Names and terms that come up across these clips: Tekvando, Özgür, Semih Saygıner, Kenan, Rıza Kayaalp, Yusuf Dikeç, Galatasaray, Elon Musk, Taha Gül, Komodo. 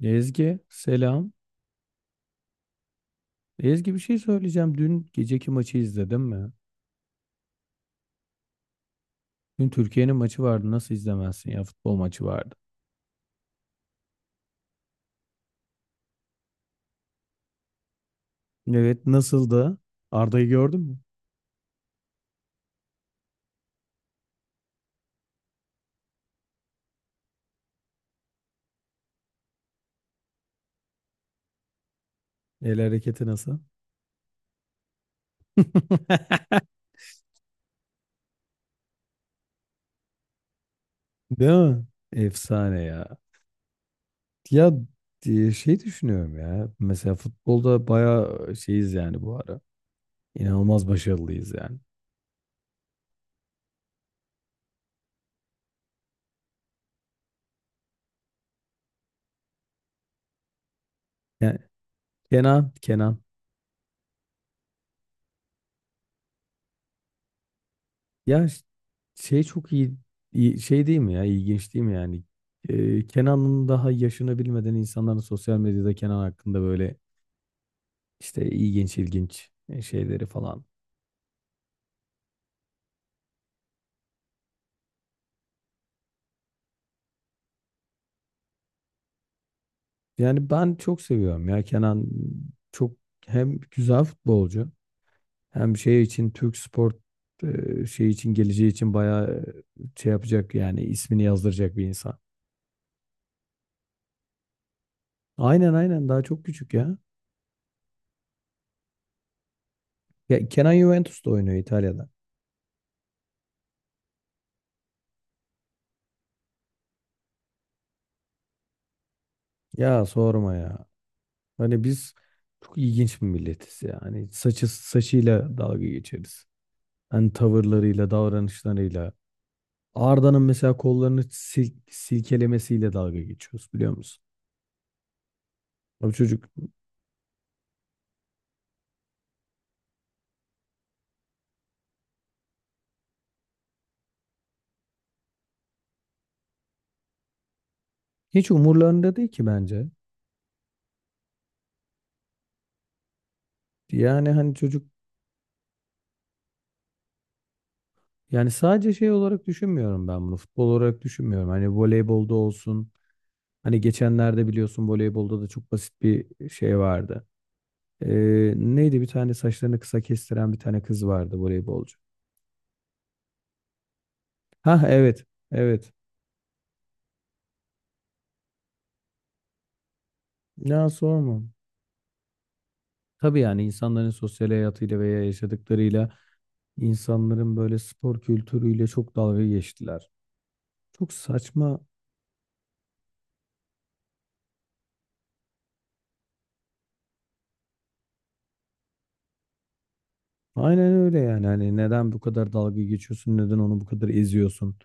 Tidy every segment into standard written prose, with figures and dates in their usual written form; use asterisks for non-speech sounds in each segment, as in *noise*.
Ezgi selam. Ezgi bir şey söyleyeceğim. Dün geceki maçı izledin mi? Dün Türkiye'nin maçı vardı. Nasıl izlemezsin ya futbol maçı vardı. Evet nasıldı? Arda'yı gördün mü? El hareketi nasıl? *laughs* Değil mi? Efsane ya. Ya şey düşünüyorum ya. Mesela futbolda bayağı şeyiz yani bu ara. İnanılmaz başarılıyız yani. Yani Kenan. Ya ş- Şey çok iyi, şey değil mi ya? İlginç değil mi yani? Kenan'ın daha yaşını bilmeden insanların sosyal medyada Kenan hakkında böyle işte ilginç ilginç şeyleri falan. Yani ben çok seviyorum ya Kenan çok hem güzel futbolcu. Hem şey için Türk spor, şey için geleceği için bayağı şey yapacak yani ismini yazdıracak bir insan. Aynen daha çok küçük ya. Ya Kenan Juventus'ta oynuyor İtalya'da. Ya sorma ya. Hani biz çok ilginç bir milletiz ya. Hani saçı saçıyla dalga geçeriz. Hani tavırlarıyla, davranışlarıyla. Arda'nın mesela kollarını silkelemesiyle dalga geçiyoruz biliyor musun? O çocuk hiç umurlarında değil ki bence. Yani hani çocuk. Yani sadece şey olarak düşünmüyorum ben bunu. Futbol olarak düşünmüyorum. Hani voleybolda olsun. Hani geçenlerde biliyorsun voleybolda da çok basit bir şey vardı. Neydi bir tane saçlarını kısa kestiren bir tane kız vardı voleybolcu. Ha evet. Evet. Ya sorma. Tabii yani insanların sosyal hayatıyla veya yaşadıklarıyla insanların böyle spor kültürüyle çok dalga geçtiler. Çok saçma. Aynen öyle yani. Hani neden bu kadar dalga geçiyorsun? Neden onu bu kadar eziyorsun?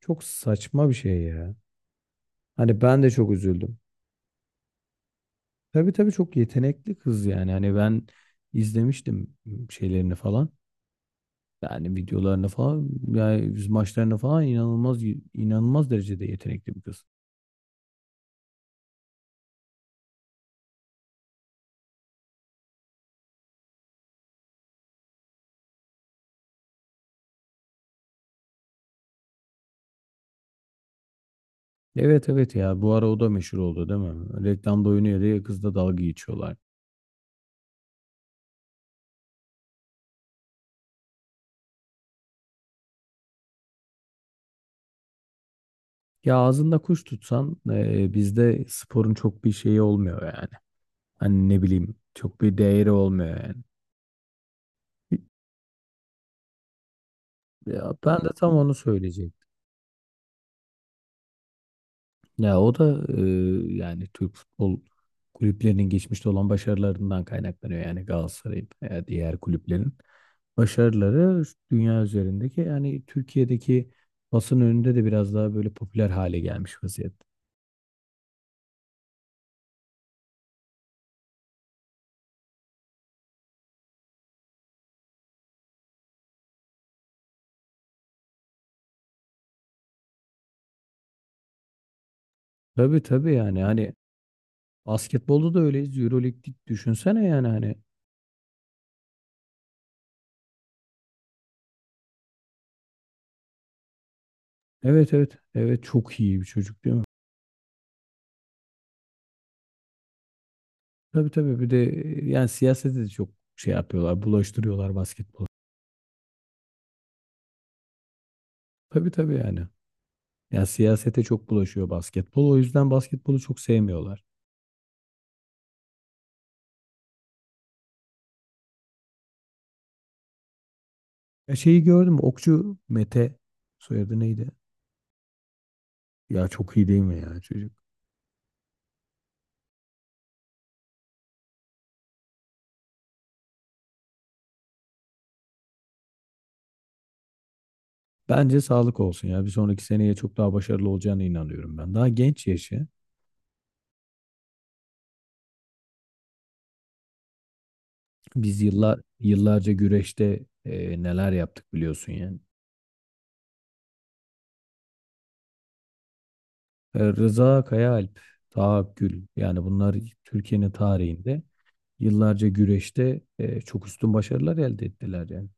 Çok saçma bir şey ya. Hani ben de çok üzüldüm. Tabii çok yetenekli kız yani. Hani ben izlemiştim şeylerini falan. Yani videolarını falan, yani biz maçlarını falan inanılmaz inanılmaz derecede yetenekli bir kız. Evet evet ya bu ara o da meşhur oldu değil mi? Reklamda oynuyor diye kızla dalga geçiyorlar. Ya ağzında kuş tutsan bizde sporun çok bir şeyi olmuyor yani. Hani ne bileyim çok bir değeri olmuyor yani. Ya ben de tam onu söyleyecektim. Ya o da yani Türk futbol kulüplerinin geçmişte olan başarılarından kaynaklanıyor. Yani Galatasaray'ın veya diğer kulüplerin başarıları dünya üzerindeki yani Türkiye'deki basın önünde de biraz daha böyle popüler hale gelmiş vaziyette. Tabii yani hani basketbolda da öyleyiz. Euroleague'lik düşünsene yani hani. Evet evet evet çok iyi bir çocuk değil mi? Tabii bir de yani siyasete de çok şey yapıyorlar bulaştırıyorlar basketbolu. Tabii yani. Ya siyasete çok bulaşıyor basketbol. O yüzden basketbolu çok sevmiyorlar. Ya şeyi gördüm. Okçu Mete soyadı neydi? Ya çok iyi değil mi ya çocuk? Bence sağlık olsun ya. Bir sonraki seneye çok daha başarılı olacağına inanıyorum ben. Daha genç yaşı. Biz yıllar yıllarca güreşte neler yaptık biliyorsun yani. Rıza Kayaalp, Taha Gül yani bunlar Türkiye'nin tarihinde yıllarca güreşte çok üstün başarılar elde ettiler yani.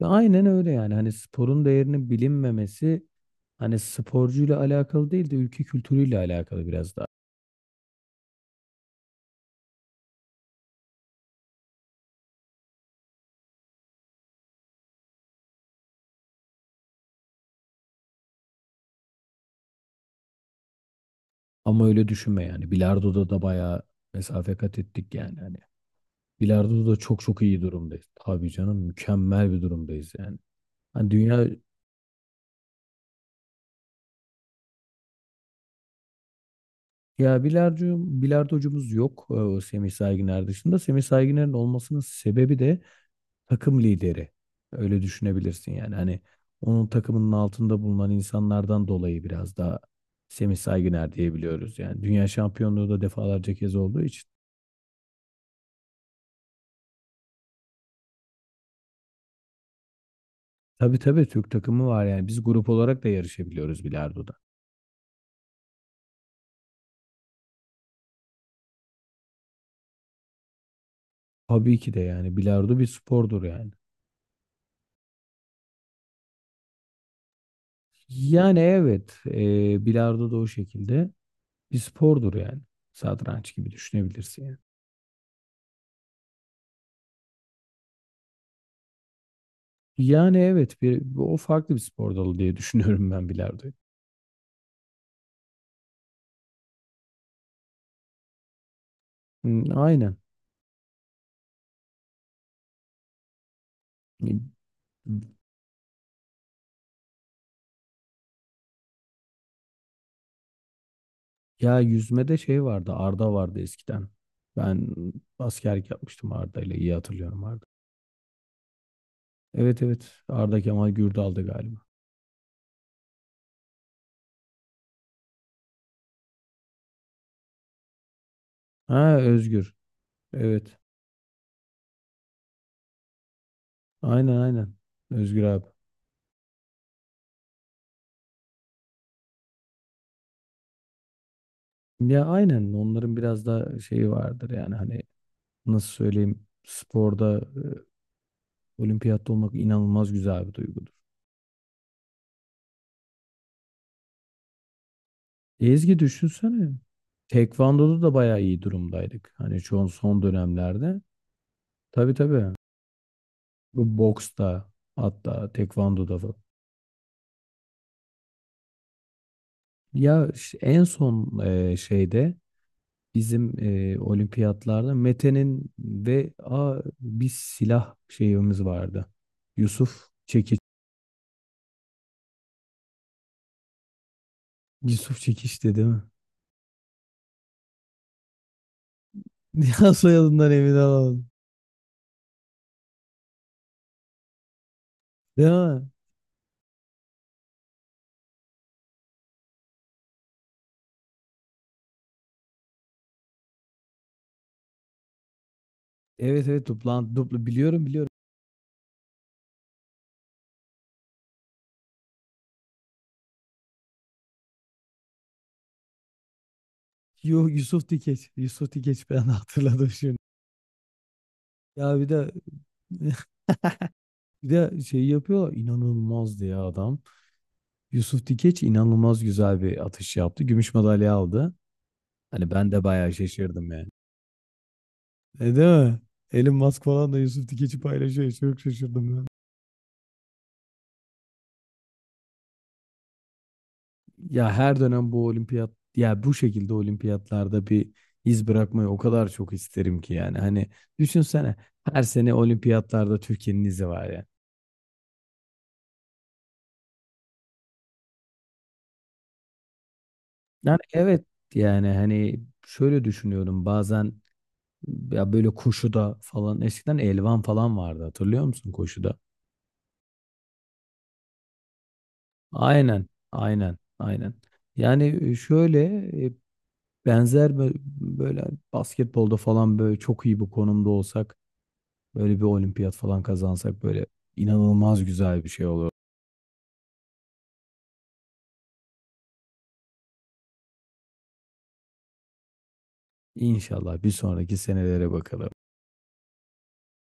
Aynen öyle yani. Hani sporun değerinin bilinmemesi hani sporcuyla alakalı değil de ülke kültürüyle alakalı biraz daha. Ama öyle düşünme yani. Bilardo'da da bayağı mesafe kat ettik yani. Hani bilardo'da da çok çok iyi durumdayız. Tabii canım mükemmel bir durumdayız yani. Hani dünya, ya bilardo bilardocumuz yok. O Semih Saygıner dışında. Semih Saygıner'in olmasının sebebi de takım lideri. Öyle düşünebilirsin yani. Hani onun takımının altında bulunan insanlardan dolayı biraz daha Semih Saygıner diyebiliyoruz. Yani dünya şampiyonluğu da defalarca kez olduğu için. Tabii Türk takımı var yani. Biz grup olarak da yarışabiliyoruz bilardoda. Tabii ki de yani bilardo bir spordur yani. Yani evet bilardo da o şekilde bir spordur yani. Satranç gibi düşünebilirsin yani. Yani evet bir, o farklı bir spor dalı diye *laughs* düşünüyorum ben bilardoyu. Hı, aynen. Ya yüzmede şey vardı, Arda vardı eskiden. Ben askerlik yapmıştım Arda ile iyi hatırlıyorum Arda. Evet evet Arda Kemal Gürdal'dı galiba. Ha Özgür. Evet. Aynen aynen. Özgür abi. Ya aynen onların biraz da şeyi vardır yani hani nasıl söyleyeyim sporda olimpiyatta olmak inanılmaz güzel bir duygudur. Ezgi düşünsene. Tekvando'da da bayağı iyi durumdaydık. Hani çoğun son dönemlerde. Tabii. Bu boksta hatta tekvandoda falan. En son şeyde bizim olimpiyatlarda Mete'nin ve bir silah şeyimiz vardı. Yusuf Çekiç. Yusuf Çekiç dedi mi? *laughs* Ya soyadından emin olamadım. Değil mi? Evet evet duplan duplu biliyorum biliyorum. Yo, Yusuf Dikeç. Yusuf Dikeç ben *laughs* hatırladım şimdi. Ya bir de *laughs* bir de şey yapıyor inanılmazdı ya adam. Yusuf Dikeç inanılmaz güzel bir atış yaptı. Gümüş madalya aldı. Hani ben de bayağı şaşırdım yani. E değil mi? Elon Musk falan da Yusuf Dikeç'i paylaşıyor. Çok şaşırdım ben. Ya her dönem bu olimpiyat ya bu şekilde olimpiyatlarda bir iz bırakmayı o kadar çok isterim ki yani. Hani düşünsene her sene olimpiyatlarda Türkiye'nin izi var ya. Yani evet yani hani şöyle düşünüyorum bazen ya böyle koşuda falan eskiden elvan falan vardı hatırlıyor musun koşuda? Aynen, aynen. Yani şöyle e, benzer böyle basketbolda falan böyle çok iyi bir konumda olsak, böyle bir olimpiyat falan kazansak böyle inanılmaz güzel bir şey olur. İnşallah bir sonraki senelere bakalım.